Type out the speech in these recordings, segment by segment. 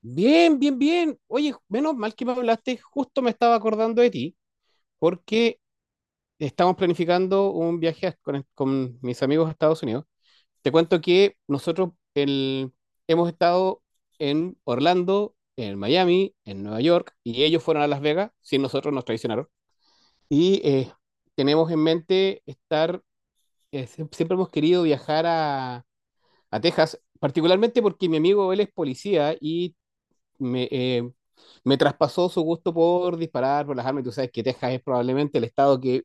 Bien, bien, bien. Oye, menos mal que me hablaste, justo me estaba acordando de ti, porque estamos planificando un viaje con mis amigos a Estados Unidos. Te cuento que nosotros hemos estado en Orlando, en Miami, en Nueva York, y ellos fueron a Las Vegas, sin nosotros nos traicionaron. Y eh, Tenemos en mente estar, siempre hemos querido viajar a Texas, particularmente porque mi amigo él es policía y me, me traspasó su gusto por disparar, por las armas. Y tú sabes que Texas es probablemente el estado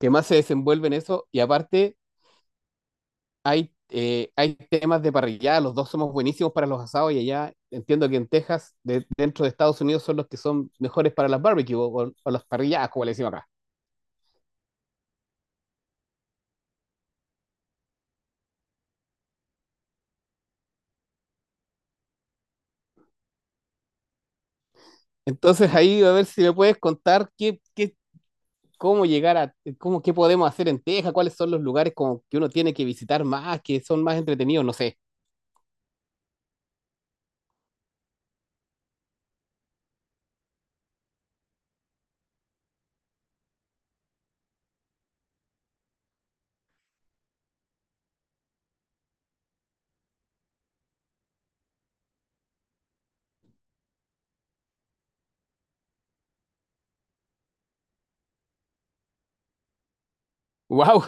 que más se desenvuelve en eso. Y aparte, hay, hay temas de parrillada. Los dos somos buenísimos para los asados. Y allá entiendo que en Texas, dentro de Estados Unidos, son los que son mejores para las barbecues o las parrilladas, como le decimos acá. Entonces ahí a ver si me puedes contar qué, cómo llegar a, cómo, qué podemos hacer en Texas, cuáles son los lugares como que uno tiene que visitar más, que son más entretenidos, no sé. ¡Wow!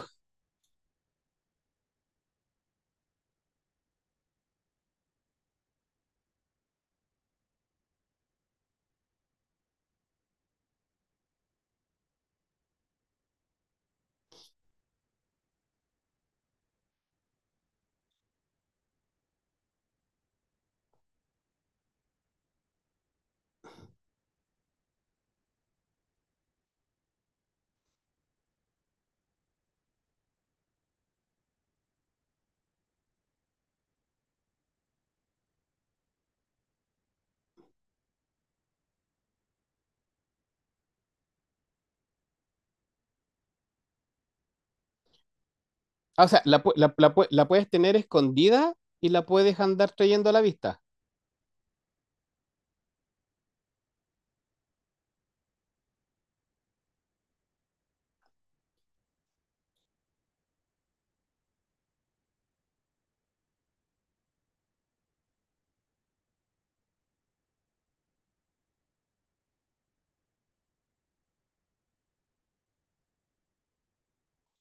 Ah, o sea, la puedes tener escondida y la puedes andar trayendo a la vista.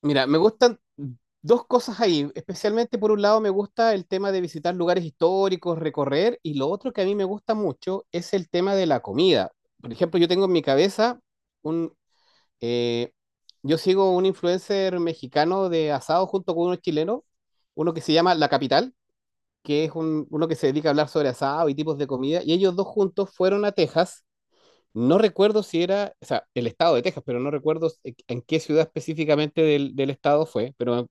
Mira, me gustan dos cosas ahí. Especialmente, por un lado, me gusta el tema de visitar lugares históricos, recorrer, y lo otro que a mí me gusta mucho es el tema de la comida. Por ejemplo, yo tengo en mi cabeza un... eh, yo sigo un influencer mexicano de asado junto con uno chileno, uno que se llama La Capital, que es uno que se dedica a hablar sobre asado y tipos de comida, y ellos dos juntos fueron a Texas. No recuerdo si era, o sea, el estado de Texas, pero no recuerdo en qué ciudad específicamente del estado fue, pero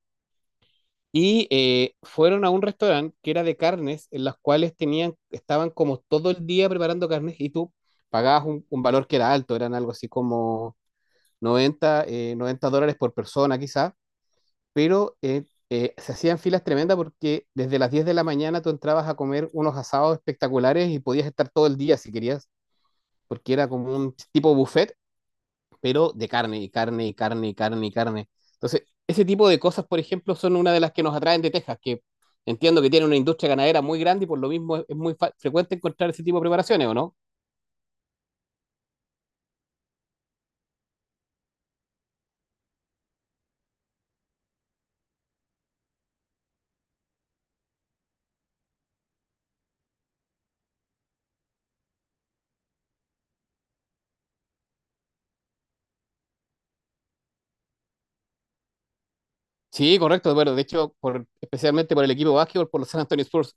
fueron a un restaurante que era de carnes, en las cuales tenían, estaban como todo el día preparando carnes y tú pagabas un valor que era alto, eran algo así como $90 por persona quizá, pero se hacían filas tremendas porque desde las 10 de la mañana tú entrabas a comer unos asados espectaculares y podías estar todo el día si querías, porque era como un tipo buffet pero de carne y carne y carne y carne y carne. Entonces, ese tipo de cosas, por ejemplo, son una de las que nos atraen de Texas, que entiendo que tiene una industria ganadera muy grande y por lo mismo es muy frecuente encontrar ese tipo de preparaciones, ¿o no? Sí, correcto, bueno, de hecho, por, especialmente por el equipo de básquetbol, por los San Antonio Spurs.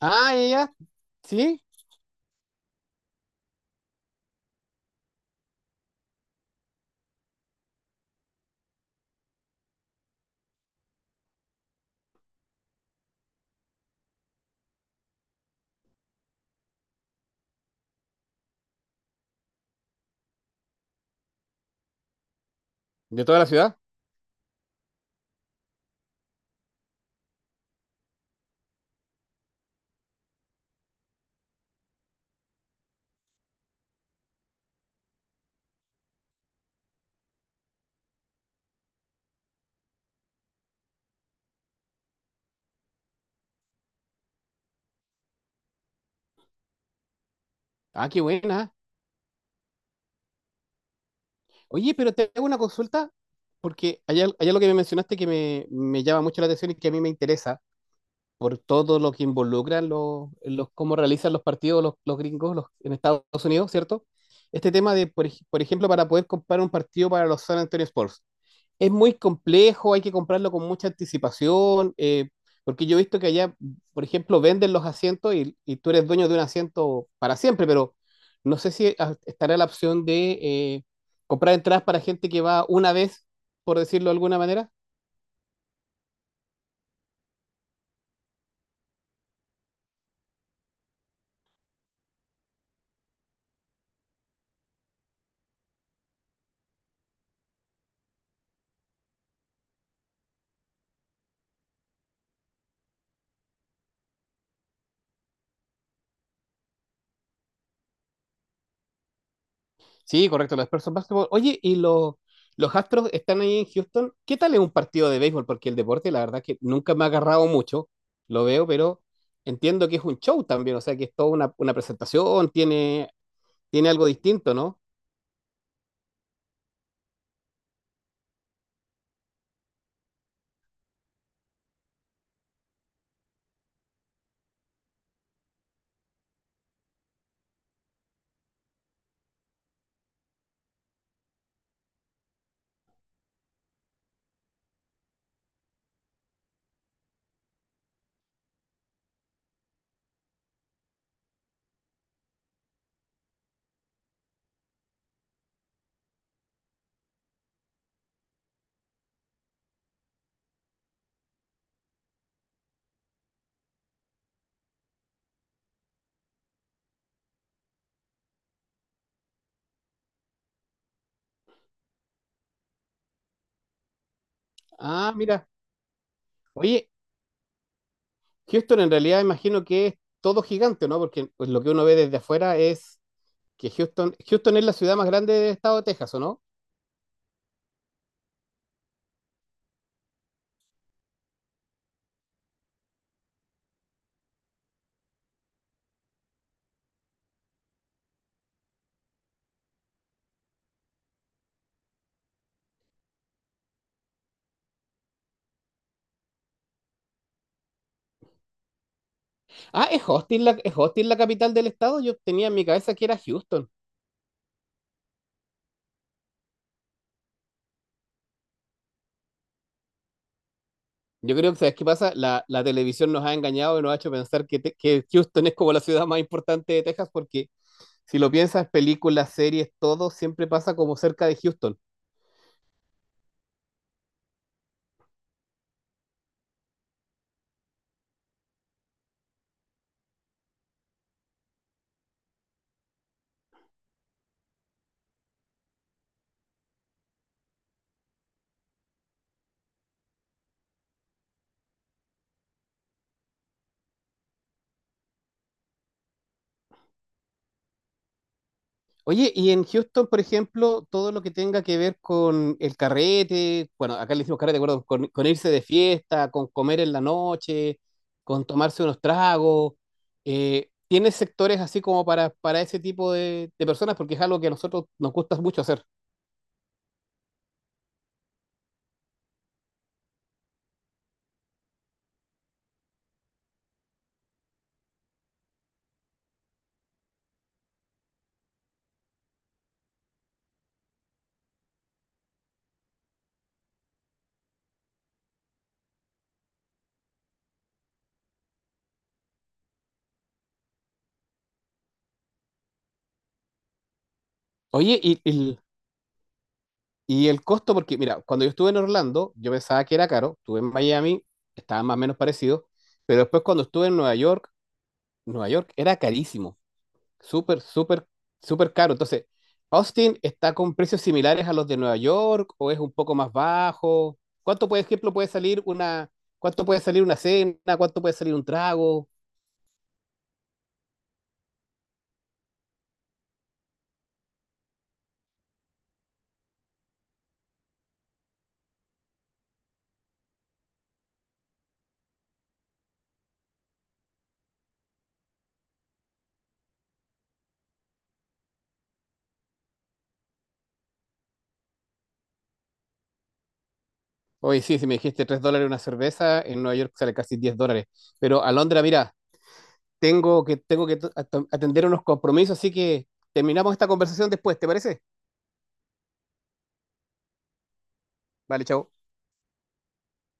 Ah, ella, sí, de toda la ciudad. Ah, qué buena. Oye, pero te hago una consulta, porque allá, allá lo que me mencionaste que me llama mucho la atención y que a mí me interesa. Por todo lo que involucran los cómo realizan los partidos los gringos los, en Estados Unidos, ¿cierto? Este tema de, por, por ejemplo, para poder comprar un partido para los San Antonio Spurs. Es muy complejo, hay que comprarlo con mucha anticipación, porque yo he visto que allá, por ejemplo, venden los asientos y tú eres dueño de un asiento para siempre, pero no sé si estará la opción de comprar entradas para gente que va una vez, por decirlo de alguna manera. Sí, correcto, los Spurs son básquetbol. Oye, y los Astros están ahí en Houston. ¿Qué tal es un partido de béisbol? Porque el deporte, la verdad, que nunca me ha agarrado mucho. Lo veo, pero entiendo que es un show también. O sea, que es toda una presentación, tiene, tiene algo distinto, ¿no? Ah, mira. Oye, Houston en realidad imagino que es todo gigante, ¿no? Porque pues, lo que uno ve desde afuera es que Houston, Houston es la ciudad más grande del estado de Texas, ¿o no? Ah, es Austin la capital del estado. Yo tenía en mi cabeza que era Houston. Yo creo que, ¿sabes qué pasa? La televisión nos ha engañado y nos ha hecho pensar que, que Houston es como la ciudad más importante de Texas, porque si lo piensas, películas, series, todo siempre pasa como cerca de Houston. Oye, y en Houston, por ejemplo, todo lo que tenga que ver con el carrete, bueno, acá le decimos carrete, ¿acuerdo? Con irse de fiesta, con comer en la noche, con tomarse unos tragos, ¿tiene sectores así como para ese tipo de personas? Porque es algo que a nosotros nos gusta mucho hacer. Oye, y el costo, porque mira, cuando yo estuve en Orlando, yo pensaba que era caro, estuve en Miami, estaba más o menos parecido, pero después cuando estuve en Nueva York, Nueva York era carísimo, súper, súper, súper caro. Entonces, ¿Austin está con precios similares a los de Nueva York o es un poco más bajo? ¿Cuánto, por ejemplo, puede salir una, cuánto puede salir una cena? ¿Cuánto puede salir un trago? Oye, sí, si me dijiste $3 una cerveza, en Nueva York sale casi $10. Pero a Londres, mira, tengo que atender unos compromisos, así que terminamos esta conversación después, ¿te parece? Vale, chao.